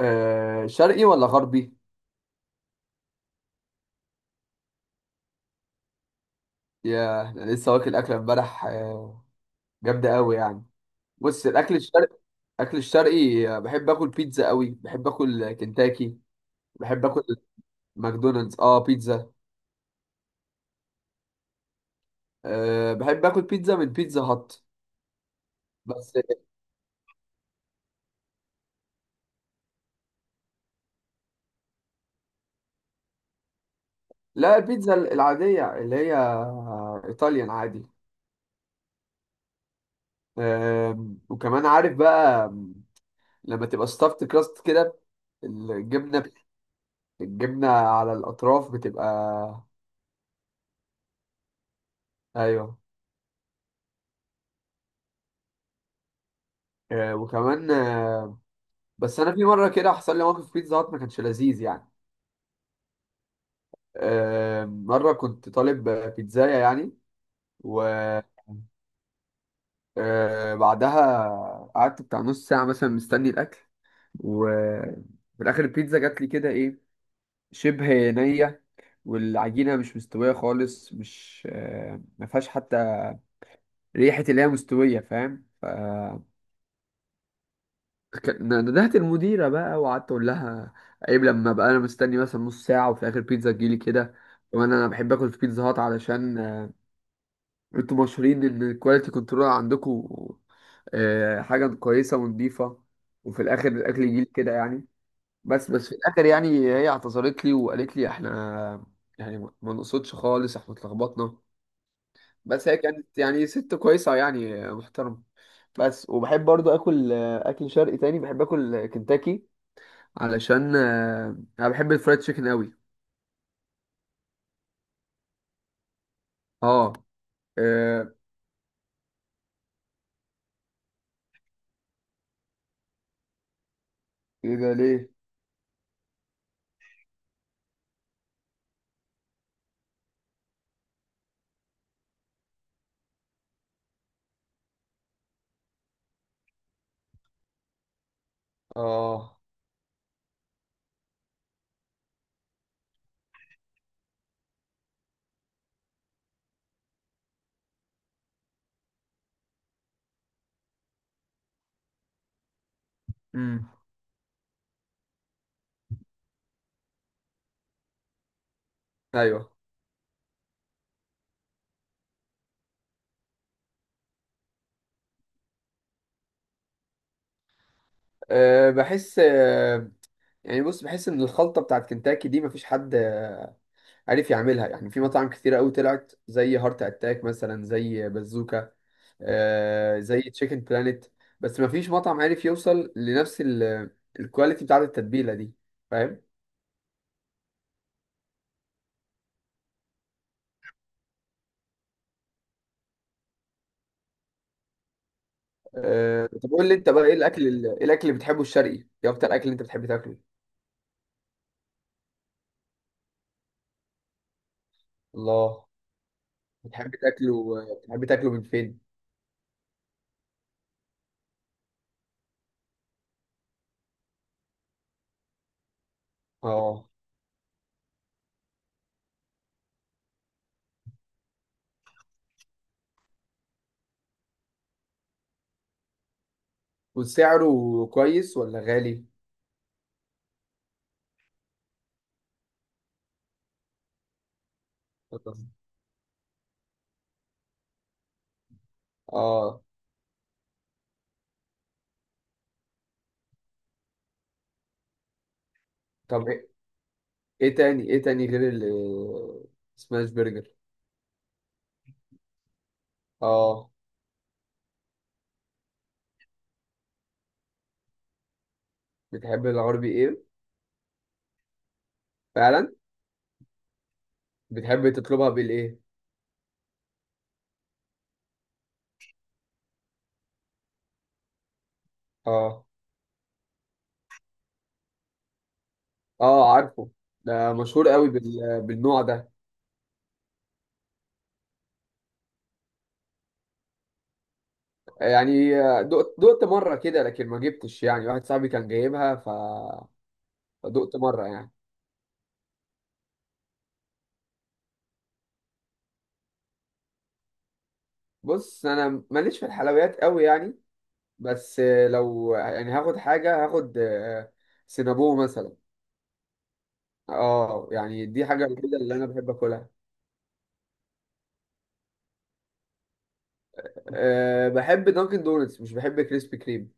شرقي ولا غربي؟ يا أنا لسه واكل أكلة امبارح، جامدة أوي يعني. بص الأكل الشرقي، أكل الشرقي، بحب آكل بيتزا أوي. بحب آكل كنتاكي. بحب آكل ماكدونالدز، بيتزا. بحب آكل بيتزا من بيتزا هات بس. لا، البيتزا العادية اللي هي إيطاليان عادي. وكمان عارف بقى لما تبقى ستافت كراست كده، الجبنة الجبنة على الأطراف بتبقى. أيوه. وكمان، بس انا في مره كده حصل لي موقف بيتزا هات ما كانش لذيذ يعني. مره كنت طالب بيتزايه يعني. وبعدها قعدت بتاع نص ساعه مثلا مستني الاكل، وفي الاخر البيتزا جات لي كده، ايه، شبه نيه، والعجينه مش مستويه خالص. مش ما فيهاش حتى ريحه اللي هي مستويه، فاهم. ندهت المديرة بقى وقعدت أقول لها: عيب لما بقى أنا مستني مثلا نص ساعة وفي آخر بيتزا تجيلي كده. وأنا بحب آكل في بيتزا هات، علشان أنتوا مشهورين إن الكواليتي كنترول عندكم حاجة كويسة ونضيفة، وفي الآخر الأكل يجيلي كده يعني. بس في الآخر يعني هي اعتذرت لي وقالت لي إحنا يعني ما نقصدش خالص، إحنا اتلخبطنا. بس هي كانت يعني ست كويسة يعني، محترمة. بس وبحب برضو آكل أكل شرقي تاني، بحب آكل كنتاكي، علشان انا بحب الفرايد تشيكن قوي. اه. آه، ايه ده ليه؟ اه. امم. ايوه. بحس، يعني بص بحس ان الخلطه بتاعت كنتاكي دي مفيش حد عارف يعملها. يعني في مطاعم كتيره قوي طلعت زي هارت اتاك، مثلا زي بازوكا، زي تشيكن بلانيت. بس مفيش مطعم عارف يوصل لنفس الكواليتي بتاعت التتبيله دي، فاهم. طب قول لي انت بقى، ايه الاكل ايه الاكل اللي بتحبه الشرقي؟ ايه اكتر اكل انت بتحب تاكله؟ الله. بتحب تاكله من فين؟ اه. وسعره كويس ولا غالي؟ اه. طب ايه؟ إيه تاني ايه تاني غير السماش برجر؟ اه. بتحب الغربي ايه؟ فعلا. بتحب تطلبها بالايه؟ اه. اه، عارفه. ده مشهور قوي بالنوع ده. يعني دقت مره كده، لكن ما جبتش يعني، واحد صاحبي كان جايبها، فدقت مره يعني. بص انا ماليش في الحلويات قوي يعني. بس لو يعني هاخد حاجة، هاخد سينابو مثلا. اه، يعني دي حاجة الوحيدة اللي أنا بحب آكلها. بحب دانكن دونتس، مش بحب كريسبي كريم.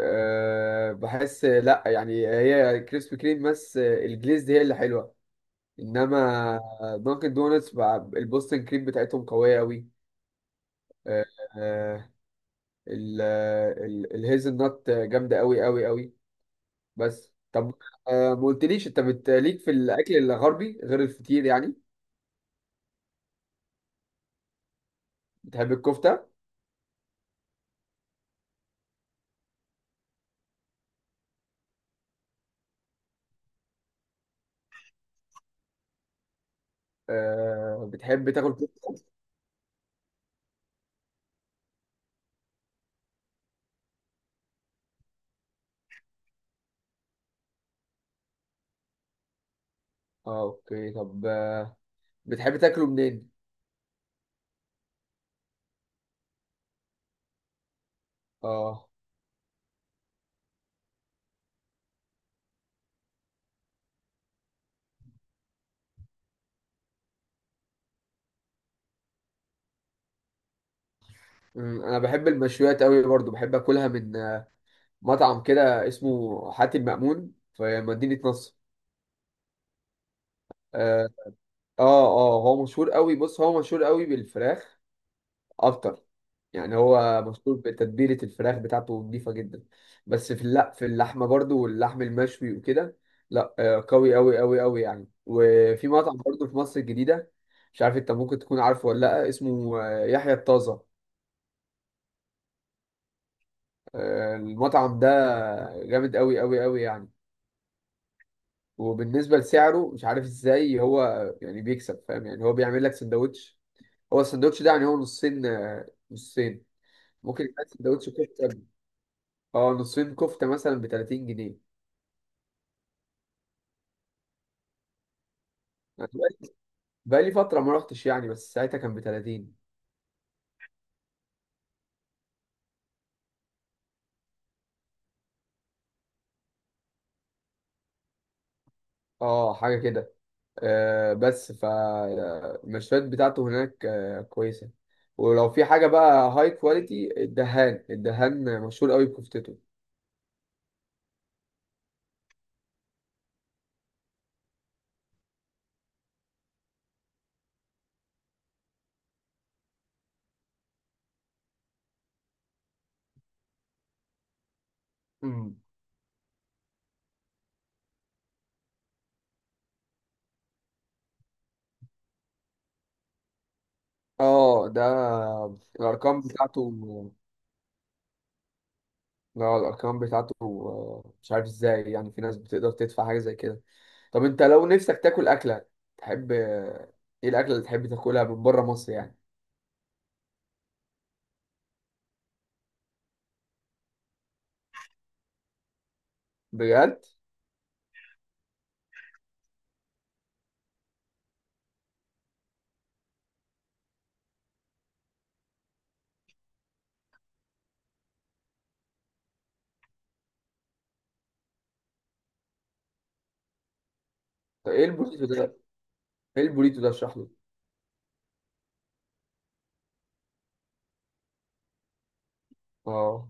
بحس لأ، يعني هي كريسبي كريم بس الجليز هي اللي حلوة. إنما دانكن دونتس بقى البوستن كريم بتاعتهم قوية أوي. أه. آه، الهيزل نوت جامدة أوي أوي أوي. بس طب، ما قلتليش أنت ليك في الأكل الغربي غير الفطير يعني؟ بتحب الكفتة؟ بتحب تاكل كفتة؟ اه، اوكي. طب بتحب تاكله منين؟ اه. انا بحب المشويات قوي برضو، بحب اكلها من مطعم كده اسمه حاتي المأمون في مدينة نصر. اه. اه. هو مشهور قوي، بص هو مشهور قوي بالفراخ اكتر. يعني هو مشهور بتتبيلة الفراخ بتاعته نضيفة جدا. بس في، لا، في اللحمة برضو واللحم المشوي وكده. لا قوي قوي قوي قوي يعني. وفي مطعم برضو في مصر الجديدة، مش عارف انت ممكن تكون عارفه ولا لا، اسمه يحيى الطازة. المطعم ده جامد قوي قوي قوي يعني. وبالنسبة لسعره، مش عارف ازاي هو يعني بيكسب، فاهم. يعني هو بيعمل لك سندوتش. هو السندوتش ده يعني هو نصين، نصين. ممكن يبقى سندوتش كفتة، اه، نصين كفتة مثلا ب 30 جنيه. أنا بقالي فترة ما رحتش يعني، بس ساعتها كان ب 30. اه، حاجة كده. بس المشفيات بتاعته هناك كويسة. ولو في حاجة بقى هاي كواليتي، الدهان مشهور قوي بكفتته. امم. اه، ده الأرقام بتاعته. لا، الأرقام بتاعته مش عارف ازاي يعني في ناس بتقدر تدفع حاجة زي كده. طب انت لو نفسك تاكل أكلة، تحب ايه الأكلة اللي تحب تاكلها من بره مصر يعني؟ بجد؟ طب ايه البروسيس ده؟ ايه البوريتو ده، اشرح له. اه.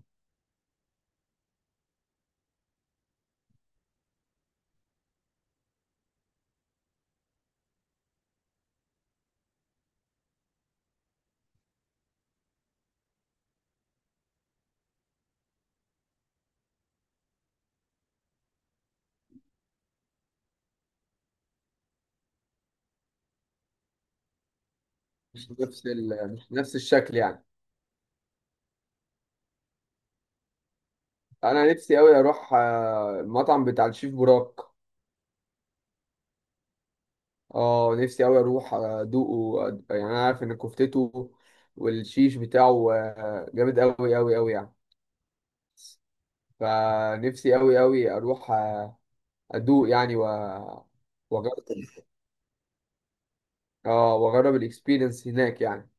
مش نفس الشكل يعني؟ انا نفسي قوي اروح المطعم بتاع الشيف براك. اه، نفسي قوي اروح ادوقه. يعني انا عارف ان كفتته والشيش بتاعه جامد قوي قوي قوي يعني. فنفسي قوي قوي اروح ادوق يعني. واجرب. اه، واجرب الاكسبيرينس هناك يعني.